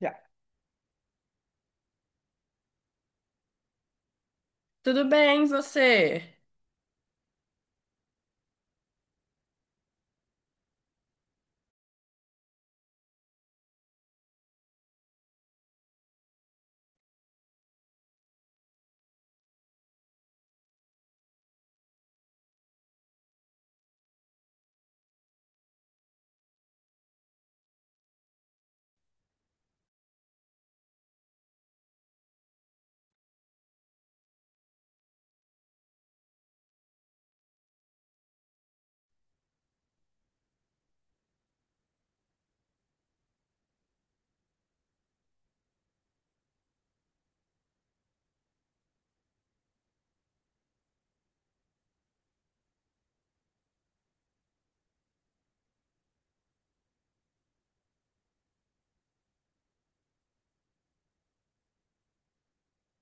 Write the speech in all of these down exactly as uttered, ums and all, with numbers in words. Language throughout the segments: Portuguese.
Já. Tudo bem, e você?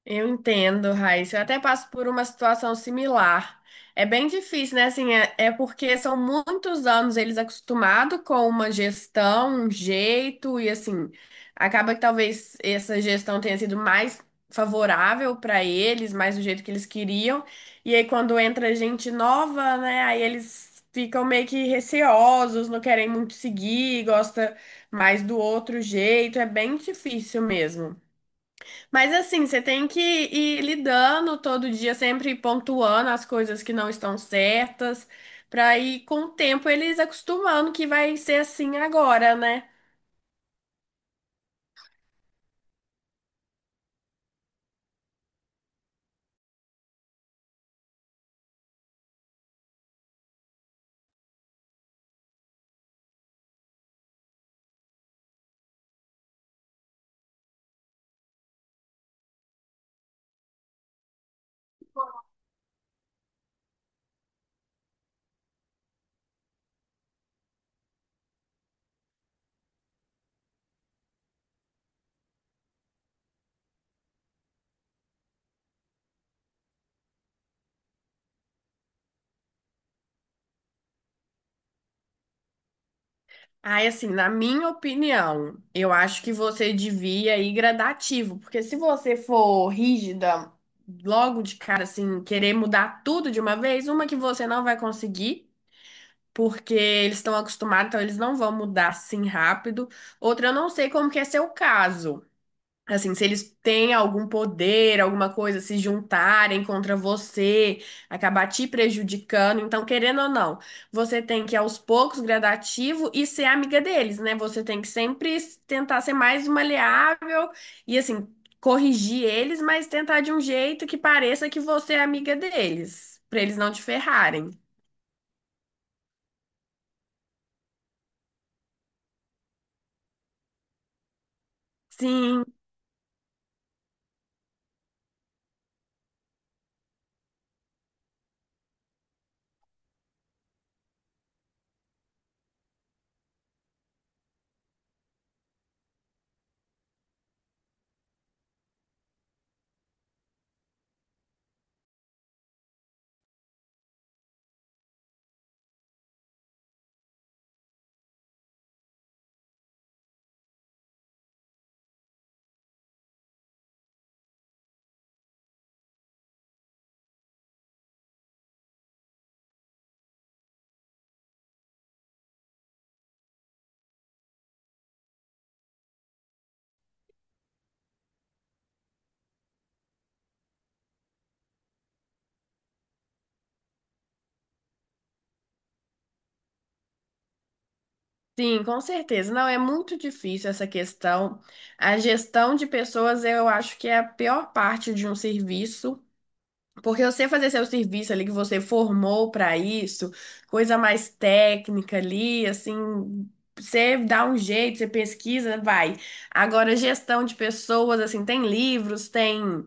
Eu entendo, Raíssa. Eu até passo por uma situação similar. É bem difícil, né? Assim, é, é porque são muitos anos eles acostumados com uma gestão, um jeito, e assim, acaba que talvez essa gestão tenha sido mais favorável para eles, mais do jeito que eles queriam. E aí, quando entra gente nova, né? Aí eles ficam meio que receosos, não querem muito seguir, gosta mais do outro jeito. É bem difícil mesmo. Mas assim, você tem que ir lidando todo dia, sempre pontuando as coisas que não estão certas, para ir com o tempo eles acostumando que vai ser assim agora, né? Aí, assim, na minha opinião, eu acho que você devia ir gradativo, porque se você for rígida logo de cara, assim, querer mudar tudo de uma vez, uma que você não vai conseguir, porque eles estão acostumados, então eles não vão mudar assim rápido. Outra, eu não sei como que é seu caso. Assim, se eles têm algum poder, alguma coisa, se juntarem contra você, acabar te prejudicando. Então, querendo ou não, você tem que ir aos poucos, gradativo, e ser amiga deles, né? Você tem que sempre tentar ser mais maleável e, assim, corrigir eles, mas tentar de um jeito que pareça que você é amiga deles, pra eles não te ferrarem. Sim. Sim, com certeza. Não, é muito difícil essa questão. A gestão de pessoas eu acho que é a pior parte de um serviço, porque você fazer seu serviço ali que você formou para isso, coisa mais técnica ali, assim, você dá um jeito, você pesquisa, vai. Agora, gestão de pessoas, assim, tem livros, tem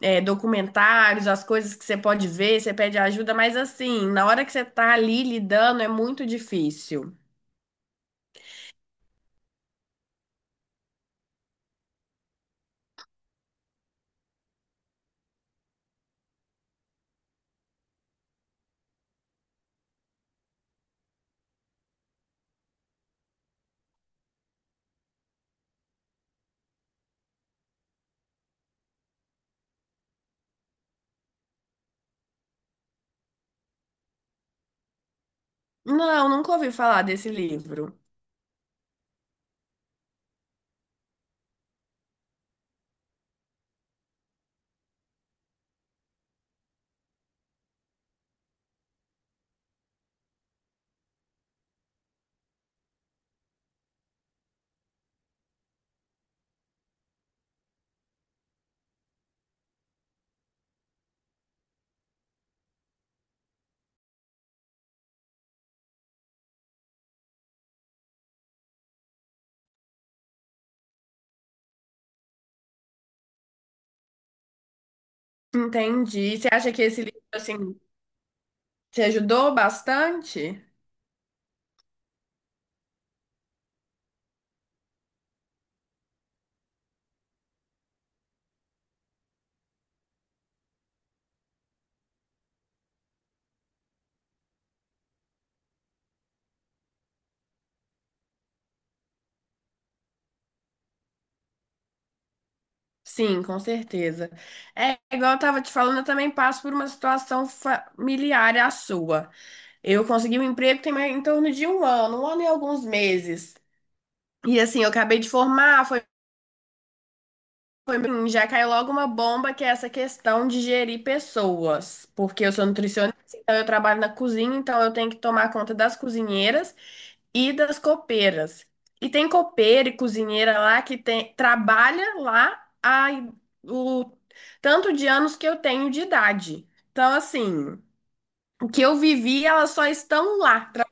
é, documentários, as coisas que você pode ver, você pede ajuda, mas assim, na hora que você tá ali lidando, é muito difícil. Não, nunca ouvi falar desse livro. Entendi. Você acha que esse livro, assim, te ajudou bastante? Sim, com certeza. É, igual eu estava te falando, eu também passo por uma situação familiar à sua. Eu consegui um emprego tem mais- em torno de um ano, um ano e alguns meses. E assim, eu acabei de formar, foi, foi bem, já caiu logo uma bomba que é essa questão de gerir pessoas. Porque eu sou nutricionista, então eu trabalho na cozinha, então eu tenho que tomar conta das cozinheiras e das copeiras. E tem copeira e cozinheira lá que tem, trabalha lá há o tanto de anos que eu tenho de idade. Então, assim, o que eu vivi, elas só estão lá. tra-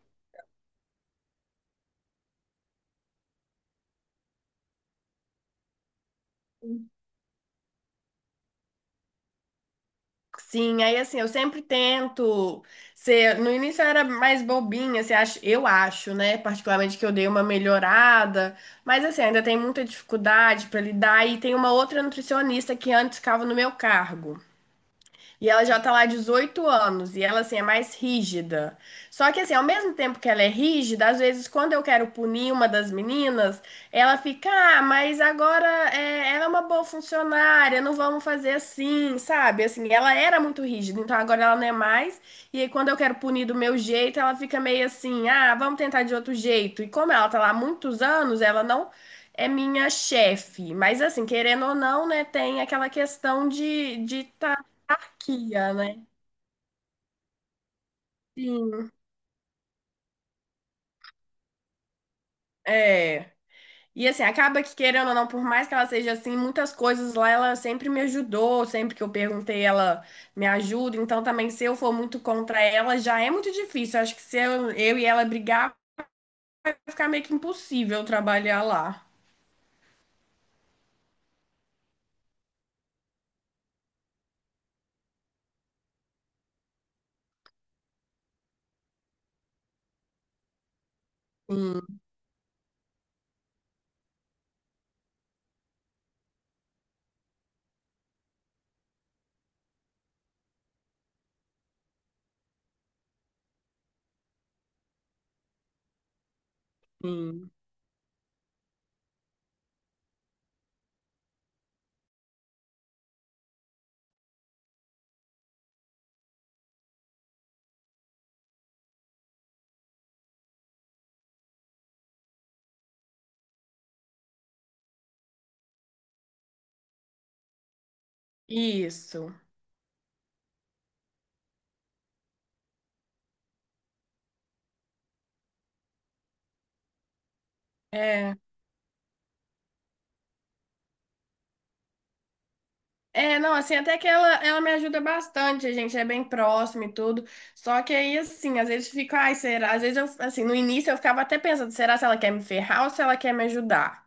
Sim, aí assim, eu sempre tento ser. No início eu era mais bobinha, você acho eu acho, né? Particularmente que eu dei uma melhorada, mas assim, ainda tem muita dificuldade para lidar. E tem uma outra nutricionista que antes ficava no meu cargo. E ela já tá lá há dezoito anos e ela assim é mais rígida. Só que assim, ao mesmo tempo que ela é rígida, às vezes quando eu quero punir uma das meninas, ela fica, ah, mas agora é, ela é uma boa funcionária, não vamos fazer assim, sabe? Assim, ela era muito rígida, então agora ela não é mais. E aí, quando eu quero punir do meu jeito, ela fica meio assim, ah, vamos tentar de outro jeito. E como ela tá lá há muitos anos, ela não é minha chefe. Mas assim, querendo ou não, né, tem aquela questão de de tá hierarquia, né? Sim. É. E assim, acaba que querendo ou não, por mais que ela seja assim, muitas coisas lá ela sempre me ajudou, sempre que eu perguntei, ela me ajuda. Então também, se eu for muito contra ela, já é muito difícil. Acho que se eu, eu e ela brigar, vai ficar meio que impossível trabalhar lá. Sim, sim. Isso. É. É, não, assim, até que ela, ela me ajuda bastante, a gente é bem próximo e tudo. Só que aí, assim, às vezes fica, ai, será? Às vezes eu, assim, no início eu ficava até pensando, será se ela quer me ferrar ou se ela quer me ajudar?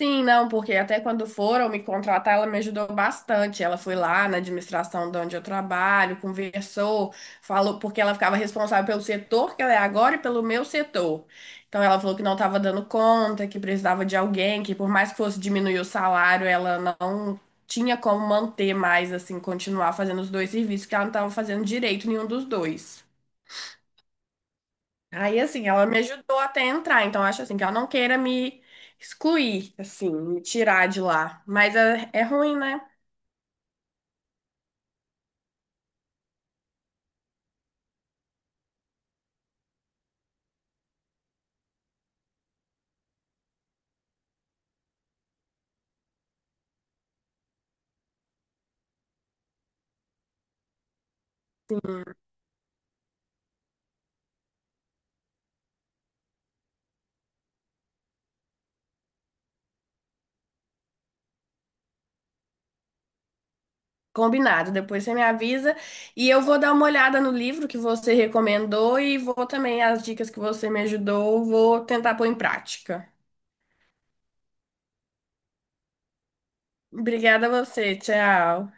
Sim, não, porque até quando foram me contratar, ela me ajudou bastante. Ela foi lá na administração de onde eu trabalho, conversou, falou, porque ela ficava responsável pelo setor que ela é agora e pelo meu setor. Então ela falou que não estava dando conta, que precisava de alguém, que por mais que fosse diminuir o salário, ela não tinha como manter mais, assim, continuar fazendo os dois serviços, que ela não estava fazendo direito nenhum dos dois. Aí, assim, ela me ajudou até entrar, então acho assim que ela não queira me excluir, assim, me tirar de lá. Mas é, é ruim, né? Combinado, depois você me avisa e eu vou dar uma olhada no livro que você recomendou e vou também, as dicas que você me ajudou, vou tentar pôr em prática. Obrigada a você, tchau.